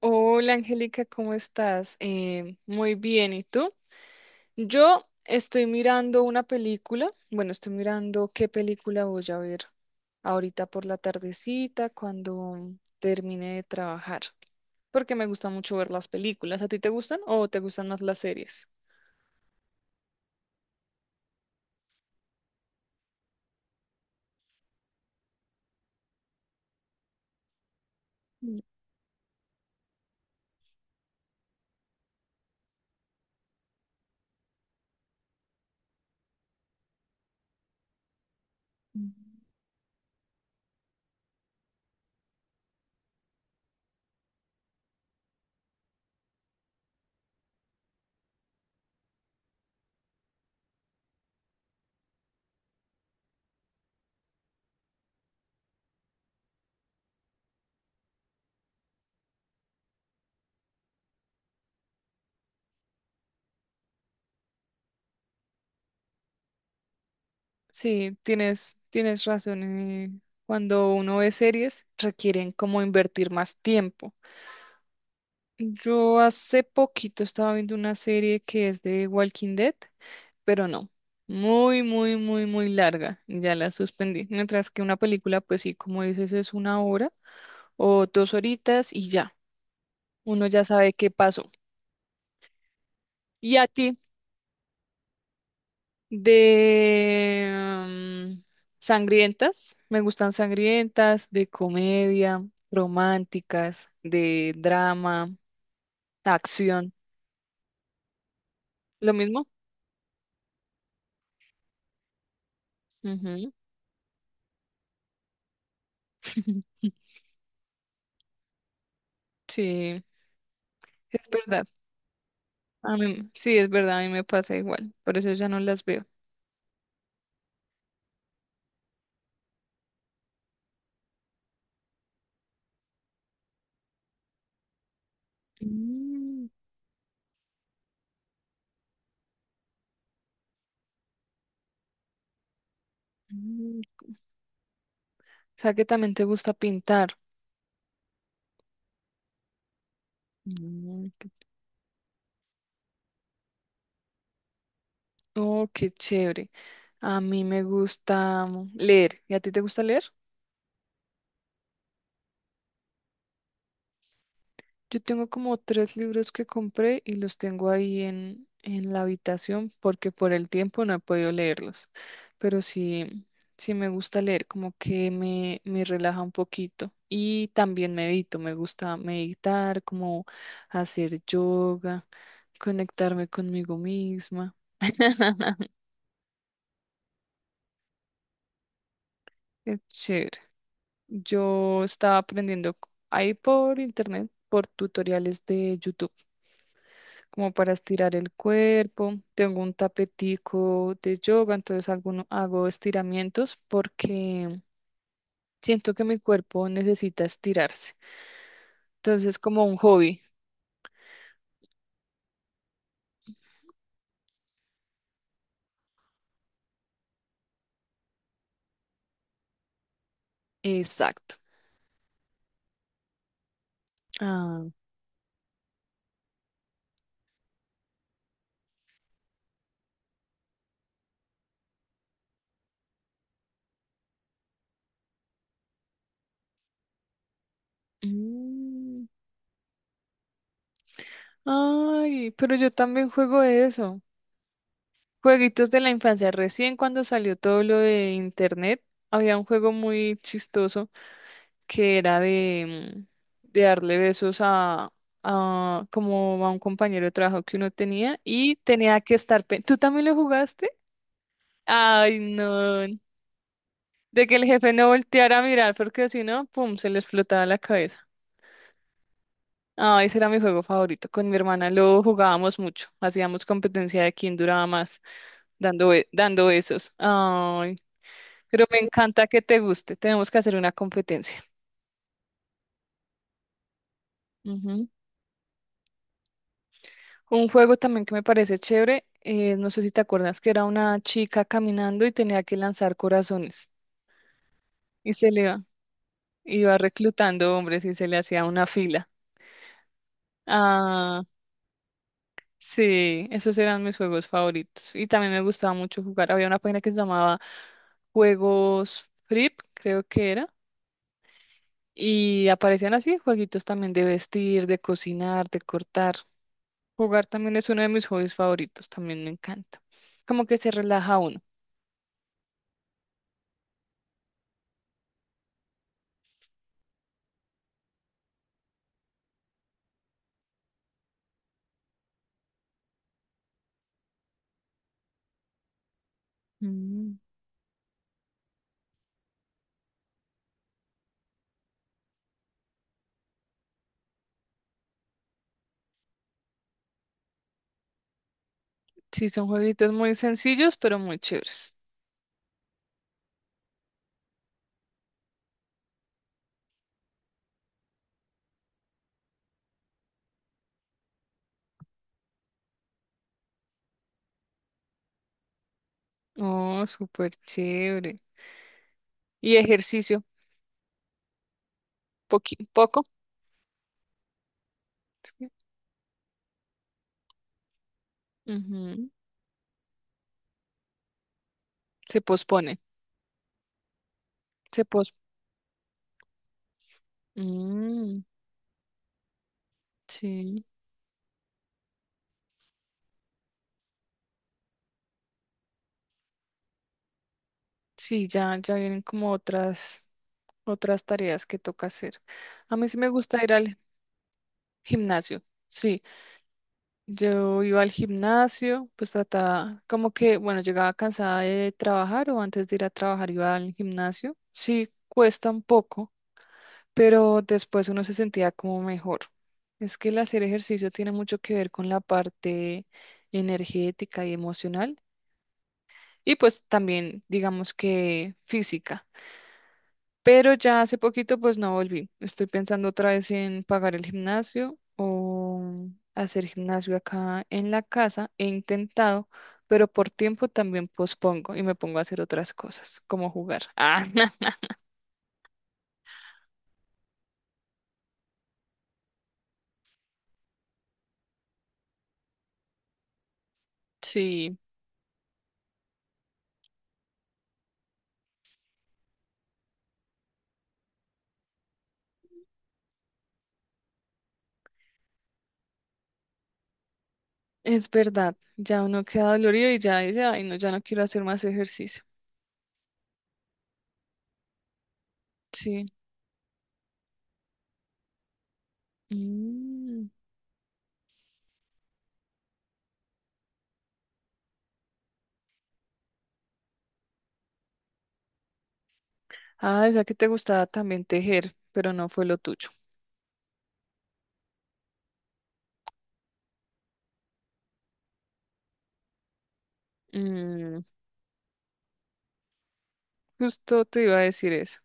Hola Angélica, ¿cómo estás? Muy bien, ¿y tú? Yo estoy mirando una película, bueno, estoy mirando qué película voy a ver ahorita por la tardecita cuando termine de trabajar, porque me gusta mucho ver las películas. ¿A ti te gustan o te gustan más las series? Mm. Sí, tienes razón. Cuando uno ve series, requieren como invertir más tiempo. Yo hace poquito estaba viendo una serie que es de Walking Dead, pero no, muy, muy, muy, muy larga, ya la suspendí. Mientras que una película, pues sí, como dices, es una hora o dos horitas y ya, uno ya sabe qué pasó. ¿Y a ti? De mm, sangrientas, me gustan sangrientas, de comedia, románticas, de drama, acción, lo mismo. Ujú. Sí, es verdad. A mí, sí, es verdad, a mí me pasa igual, por eso ya no las veo. Mm, mm. O sea que también te gusta pintar. Mm, qué- Oh, qué chévere. A mí me gusta leer. ¿Y a ti te gusta leer? Yo tengo como tres libros que compré y los tengo ahí en la habitación porque por el tiempo no he podido leerlos. Pero sí, sí me gusta leer, como que me relaja un poquito. Y también medito, me gusta meditar, como hacer yoga, conectarme conmigo misma. Es chévere. Yo estaba aprendiendo ahí por internet, por tutoriales de YouTube, como para estirar el cuerpo. Tengo un tapetico de yoga, entonces hago estiramientos porque siento que mi cuerpo necesita estirarse. Entonces, como un hobby. Exacto. Ah, mm, Ay, pero yo también juego eso. Jueguitos de la infancia. Recién cuando salió todo lo de internet, había un juego muy chistoso que era de, de darle besos a, como a un compañero de trabajo que uno tenía y tenía que estar... ¿Tú también lo jugaste? Ay, no. De que el jefe no volteara a mirar porque si no, pum, se le explotaba la cabeza. Ah, ese era mi juego favorito. Con mi hermana lo jugábamos mucho. Hacíamos competencia de quién duraba más, dando, dando besos. Ay, pero me encanta que te guste. Tenemos que hacer una competencia. Ujú. Un juego también que me parece chévere. No sé si te acuerdas que era una chica caminando y tenía que lanzar corazones. Y se le iba, iba reclutando hombres y se le hacía una fila. Ah, sí, esos eran mis juegos favoritos. Y también me gustaba mucho jugar. Había una página que se llamaba Juegos Flip, creo que era. Y aparecían así, jueguitos también de vestir, de cocinar, de cortar. Jugar también es uno de mis hobbies favoritos, también me encanta. Como que se relaja uno. Mm. Sí, son jueguitos muy sencillos, pero muy chéveres. Oh, súper chévere. Y ejercicio, poco. Es que, ujú, se pospone. Se pos mm, sí, sí, ya, ya vienen como otras tareas que toca hacer. A mí sí me gusta ir al gimnasio. Sí. Yo iba al gimnasio, pues trataba, como que, bueno, llegaba cansada de trabajar o antes de ir a trabajar iba al gimnasio. Sí, cuesta un poco, pero después uno se sentía como mejor. Es que el hacer ejercicio tiene mucho que ver con la parte energética y emocional y pues también, digamos que física. Pero ya hace poquito pues no volví. Estoy pensando otra vez en pagar el gimnasio o hacer gimnasio acá en la casa. He intentado, pero por tiempo también pospongo y me pongo a hacer otras cosas, como jugar. Ah, sí, es verdad. Ya uno queda dolorido y ya dice, ay, no, ya no quiero hacer más ejercicio. Sí. Mm. Ah, o sea que te gustaba también tejer, pero no fue lo tuyo. Mm, justo te iba a decir eso.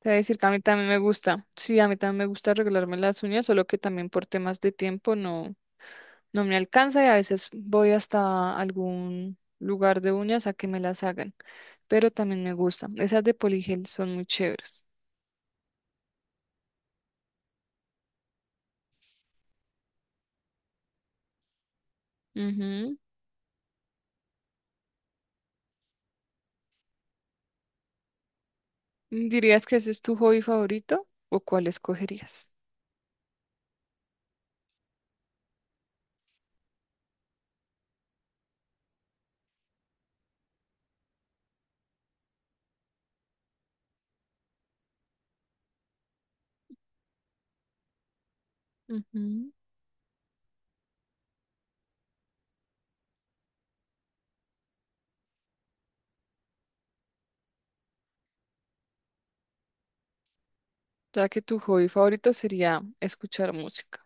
Te voy a decir que a mí también me gusta. Sí, a mí también me gusta arreglarme las uñas, solo que también por temas de tiempo no me alcanza y a veces voy hasta algún lugar de uñas a que me las hagan, pero también me gusta. Esas de poligel son muy chéveres. Ujú. ¿Dirías que ese es tu hobby favorito o cuál escogerías? Ujú. Ya que tu hobby favorito sería escuchar música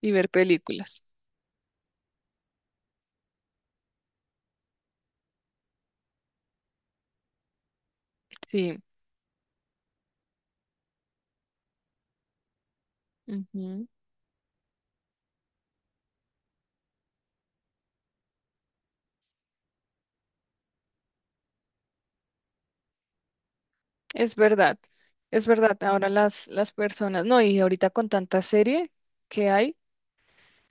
y ver películas. Sí. Ujú. Es verdad, es verdad. Ahora las personas, no, y ahorita con tanta serie que hay,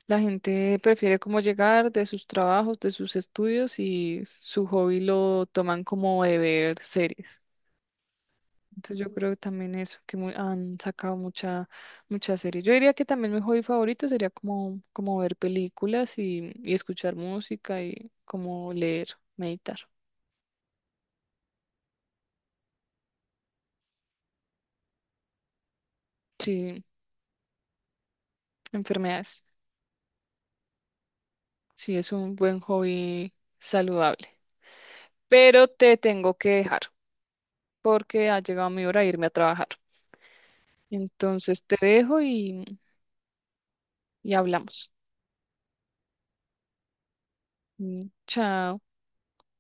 la gente prefiere como llegar de sus trabajos, de sus estudios y su hobby lo toman como de ver series. Entonces yo creo que también eso, que han sacado muchas series. Yo diría que también mi hobby favorito sería como, como ver películas y escuchar música y como leer, meditar. Sí, enfermedades. Sí, es un buen hobby saludable. Pero te tengo que dejar porque ha llegado mi hora de irme a trabajar. Entonces te dejo y hablamos. Mm, chao.